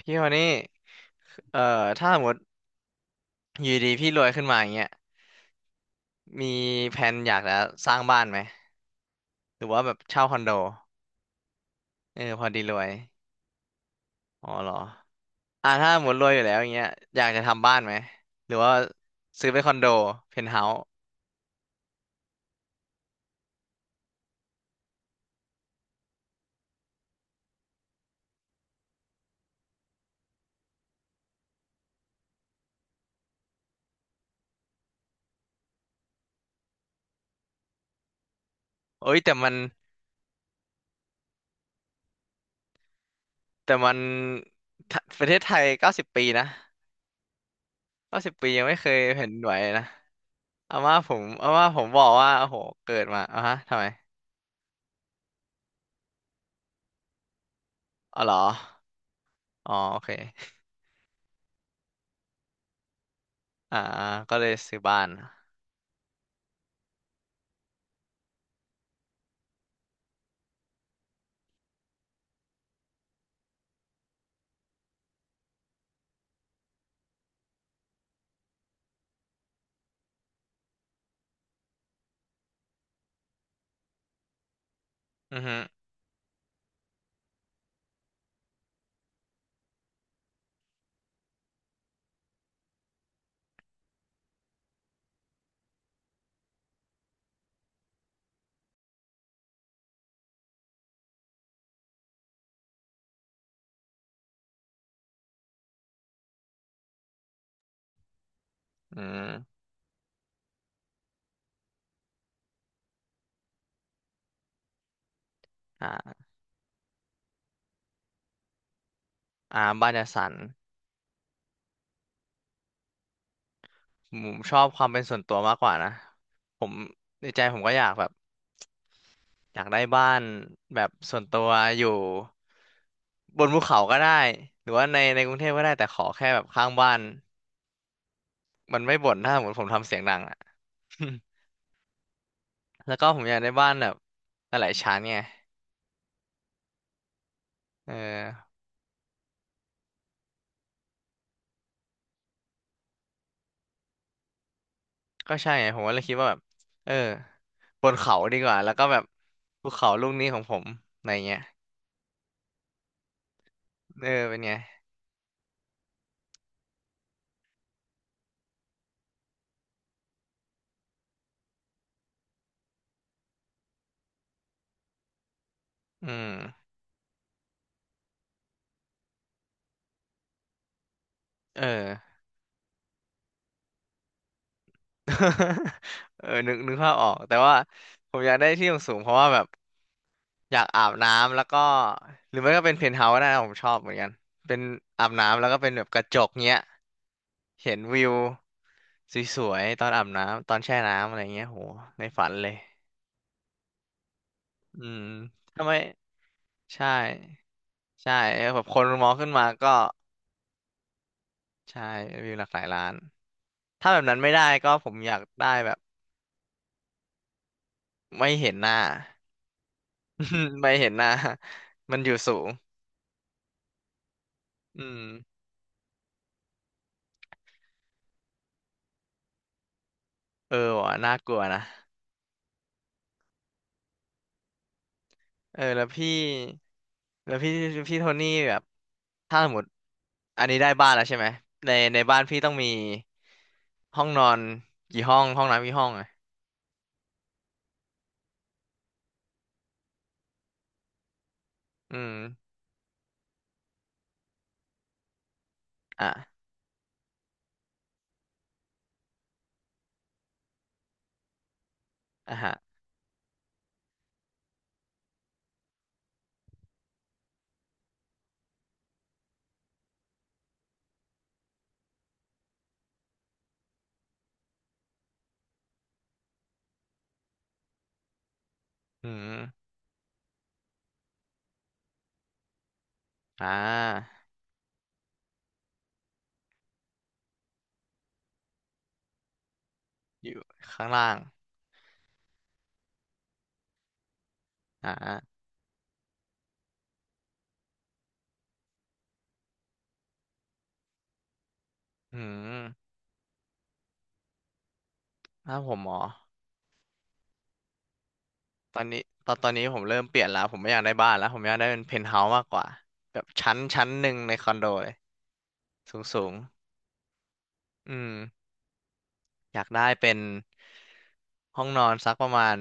พี่คนนี้เอ่อถ้าสมมติอยู่ดีพี่รวยขึ้นมาอย่างเงี้ยมีแผนอยากจะสร้างบ้านไหมหรือว่าแบบเช่าคอนโดเออพอดีรวยอ๋อเหรอถ้าสมมติรวยอยู่แล้วอย่างเงี้ยอยากจะทำบ้านไหม หรือว่าซื้อเป็นคอนโดเพนท์เฮาส์เอ้ยแต่มันประเทศไทยเก้าสิบปีนะเก้าสิบปียังไม่เคยแผ่นดินไหวเลยนะอาม่าผมบอกว่าโอ้โหเกิดมาอ่ะฮะทำไมอ๋อเหรออ๋อโอเคอ่าก็เลยซื้อบ้านอือฮึ อืมอ่าอาร์มบ้านจัสันผมชอบความเป็นส่วนตัวมากกว่านะผมในใจผมก็อยากแบบอยากได้บ้านแบบส่วนตัวอยู่บนภูเขาก็ได้หรือว่าในกรุงเทพก็ได้แต่ขอแค่แบบข้างบ้านมันไม่บ่นถ้าสมมติผมทำเสียงดังอ่ะ แล้วก็ผมอยากได้บ้านแบบหลายๆชั้นไงเออก็ใช่ไงผมก็เลยคิดว่าแบบเออบนเขาดีกว่าแล้วก็แบบภูเขาลูกนี้ของผมอะไรเงี้ยเออเป็นไงอืมเออ เออนึกภาพออกแต่ว่าผมอยากได้ที่สูงๆเพราะว่าแบบอยากอาบน้ำแล้วก็หรือไม่ก็เป็นเพนท์เฮาส์ก็ได้นะผมชอบเหมือนกันเป็นอาบน้ำแล้วก็เป็นแบบกระจกเงี้ยเห็นวิวสวยๆตอนอาบน้ำตอนแช่น้ำอะไรเงี้ยโหในฝันเลยอืมทำไมใช่ใช่เออแบบคนมองขึ้นมาก็ใช่วิวหลากหลายล้านถ้าแบบนั้นไม่ได้ก็ผมอยากได้แบบไม่เห็นหน้า ไม่เห็นหน้ามันอยู่สูง อืมเออว่ะน่ากลัวนะเออแล้วพี่แล้วพี่พี่โทนี่แบบถ้าสมมติอันนี้ได้บ้านแล้วใช่ไหมในบ้านพี่ต้องมีห้องนอนกี่ห้องห้องน้ำกี่ห้องอ่ะอืมอ่ะอ่ะฮะอืมอ่าอยู่ข้างล่างอ่าอืมถ้าผมหมอตอนนี้ตอนนี้ผมเริ่มเปลี่ยนแล้วผมไม่อยากได้บ้านแล้วผมอยากได้เป็นเพนท์เฮาส์มากกว่าแบบชั้นหนึ่งในคอนโดเลยสูงสูงอืม อยากได้เป็นห้องนอนสักประมาณ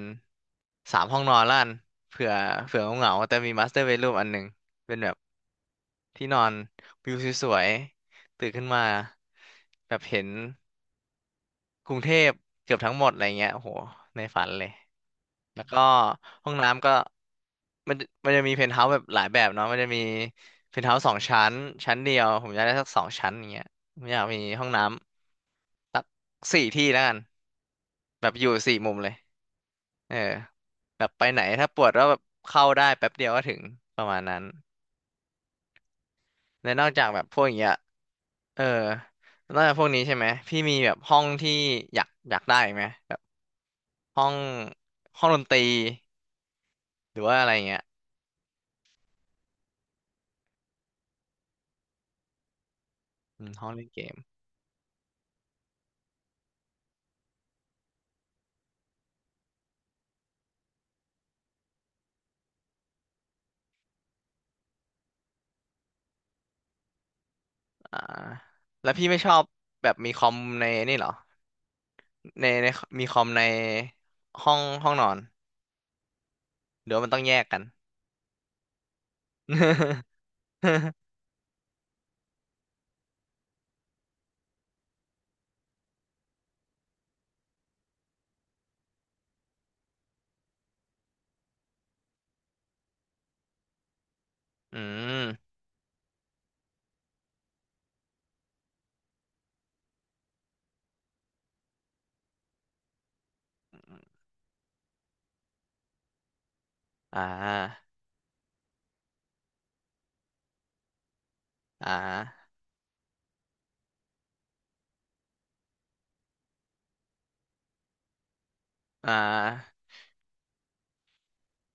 3 ห้องนอนละกันเผื่อเหงาๆแต่มีมาสเตอร์เบดรูมอันหนึ่งเป็นแบบที่นอนวิวสวยๆตื่นขึ้นมาแบบเห็นกรุงเทพเกือบทั้งหมดอะไรเงี้ยโอ้โหในฝันเลยแล้วก็ห้องน้ำก็มันจะมีเพนท์เฮาส์แบบหลายแบบเนาะมันจะมีเพนท์เฮาส์สองชั้นชั้นเดียวผมอยากได้สักสองชั้นอย่างเงี้ยผมอยากมีห้องน้ำสัก4 ที่แล้วกัน แบบอยู่4 มุมเลยเออแบบไปไหนถ้าปวดก็แบบเข้าได้แป๊บเดียวก็ถึงประมาณนั้น และนอกจากแบบพวกอย่างเงี้ยเออนอกจากพวกนี้ใช่ไหม พี่มีแบบห้องที่อยากได้อีกไหมแบบห้องดนตรีหรือว่าอะไรเงี้ยอืมห้องเล่นเกมอ่าแล้วพี่ไม่ชอบแบบมีคอมในนี่เหรอในมีคอมในห้องนอนหรือว่ามันต้องแยกกัน อืมอ่าอ่าอ่า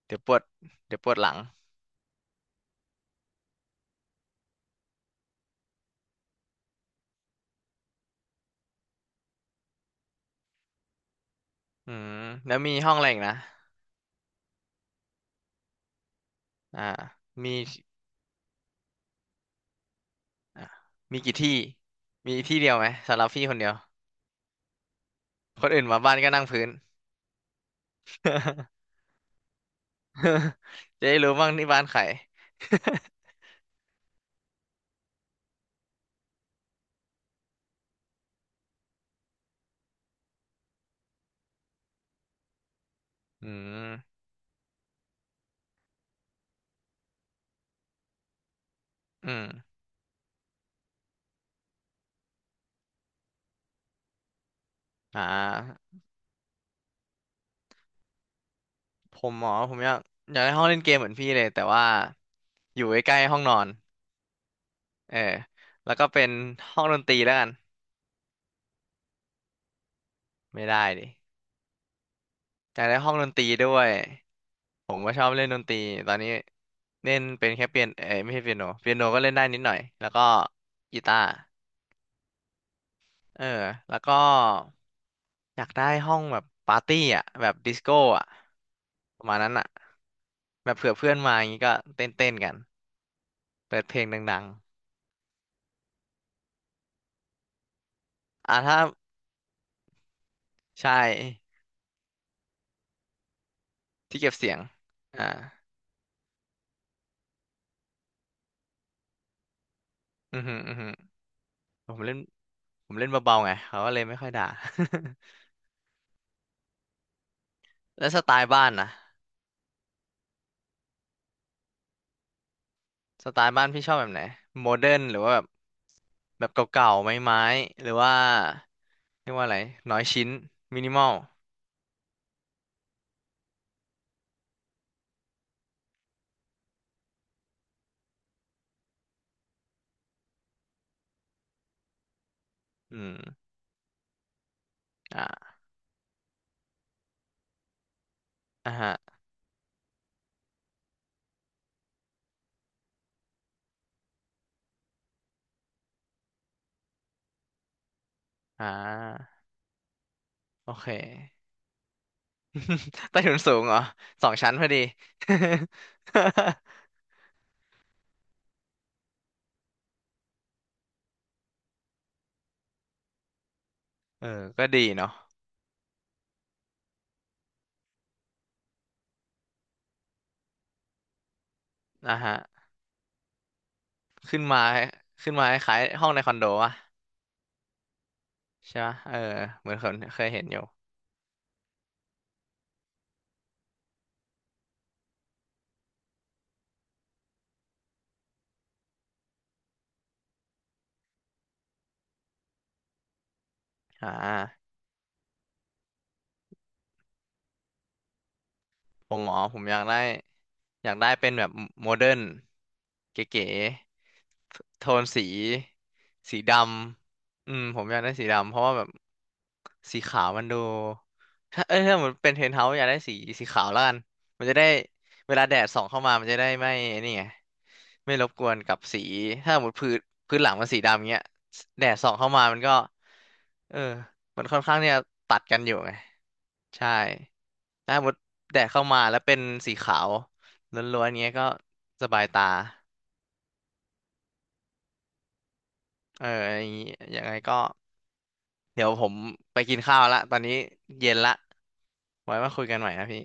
เดี๋ยวปวดเดี๋ยวปวดหลังอืมแล้วมีห้องอะไรอีกนะอ่ามีอ่ามีกี่ที่มีที่เดียวไหมสำหรับพี่คนเดียวคนอื่นมาบ้านก็นั่งพื้น จะได้รู้บ้างที่บ้านใคร อืมอืมอ่าผมหมอผมอยากได้ห้องเล่นเกมเหมือนพี่เลยแต่ว่าอยู่ใกล้ๆห้องนอนเออแล้วก็เป็นห้องดนตรีแล้วกันไม่ได้ดิอยากได้ห้องดนตรีด้วย ผมก็ชอบเล่นดนตรีตอนนี้เล่นเป็นแค่เปียโนเอ้ยไม่ใช่เปียโนเปียโนก็เล่นได้นิดหน่อยแล้วก็กีตาร์เออแล้วก็อยากได้ห้องแบบปาร์ตี้อ่ะแบบดิสโก้อ่ะประมาณนั้นอ่ะแบบเผื่อเพื่อนมาอย่างงี้ก็เต้นเต้นกันเปิดเพลงดังๆถ้าใช่ที่เก็บเสียงอ่าอือหืออือหือผมเล่นผมเล่นเบาๆไงเขาก็เลยไม่ค่อยด่า แล้วสไตล์บ้านนะสไตล์บ้านพี่ชอบแบบไหนโมเดิร์นหรือว่าแบบ แบบเก่าๆไม้ๆหรือว่าเรียกว่าอะไรน้อยชิ้นมินิมอลอืมอ่าอ่าฮะอ่าโอเค ใต้ถุนสูงเหรอ2 ชั้นพอดี เออก็ดีเนาะอ่าฮะขึ้นมาขึ้นมาคล้ายๆห้องในคอนโดวะใช่ปะเออเหมือนเคยเห็นอยู่อ่า อ๋อผมอยากได้เป็นแบบโมเดิร์นเก๋ๆโทนสีสีดำอืมผมอยากได้สีดำเพราะว่าแบบสีขาวมันดูเอ้ยถ้าเหมือนเป็นเทนเฮาส์อยากได้สีขาวแล้วกันมันจะได้เวลาแดดส่องเข้ามามันจะได้ไม่นี่ไงไม่รบกวนกับสีถ้าหมดพื้นหลังมันสีดำเงี้ยแดดส่องเข้ามามันก็เออมันค่อนข้างที่จะตัดกันอยู่ไง ใช่ถ้าหมดแดดเข้ามาแล้วเป็นสีขาวล้วนๆเงี้ยก็สบายตาเอออย่างงี้ยังไงก็เดี๋ยวผมไปกินข้าวละตอนนี้เย็นละไว้มาคุยกันใหม่นะพี่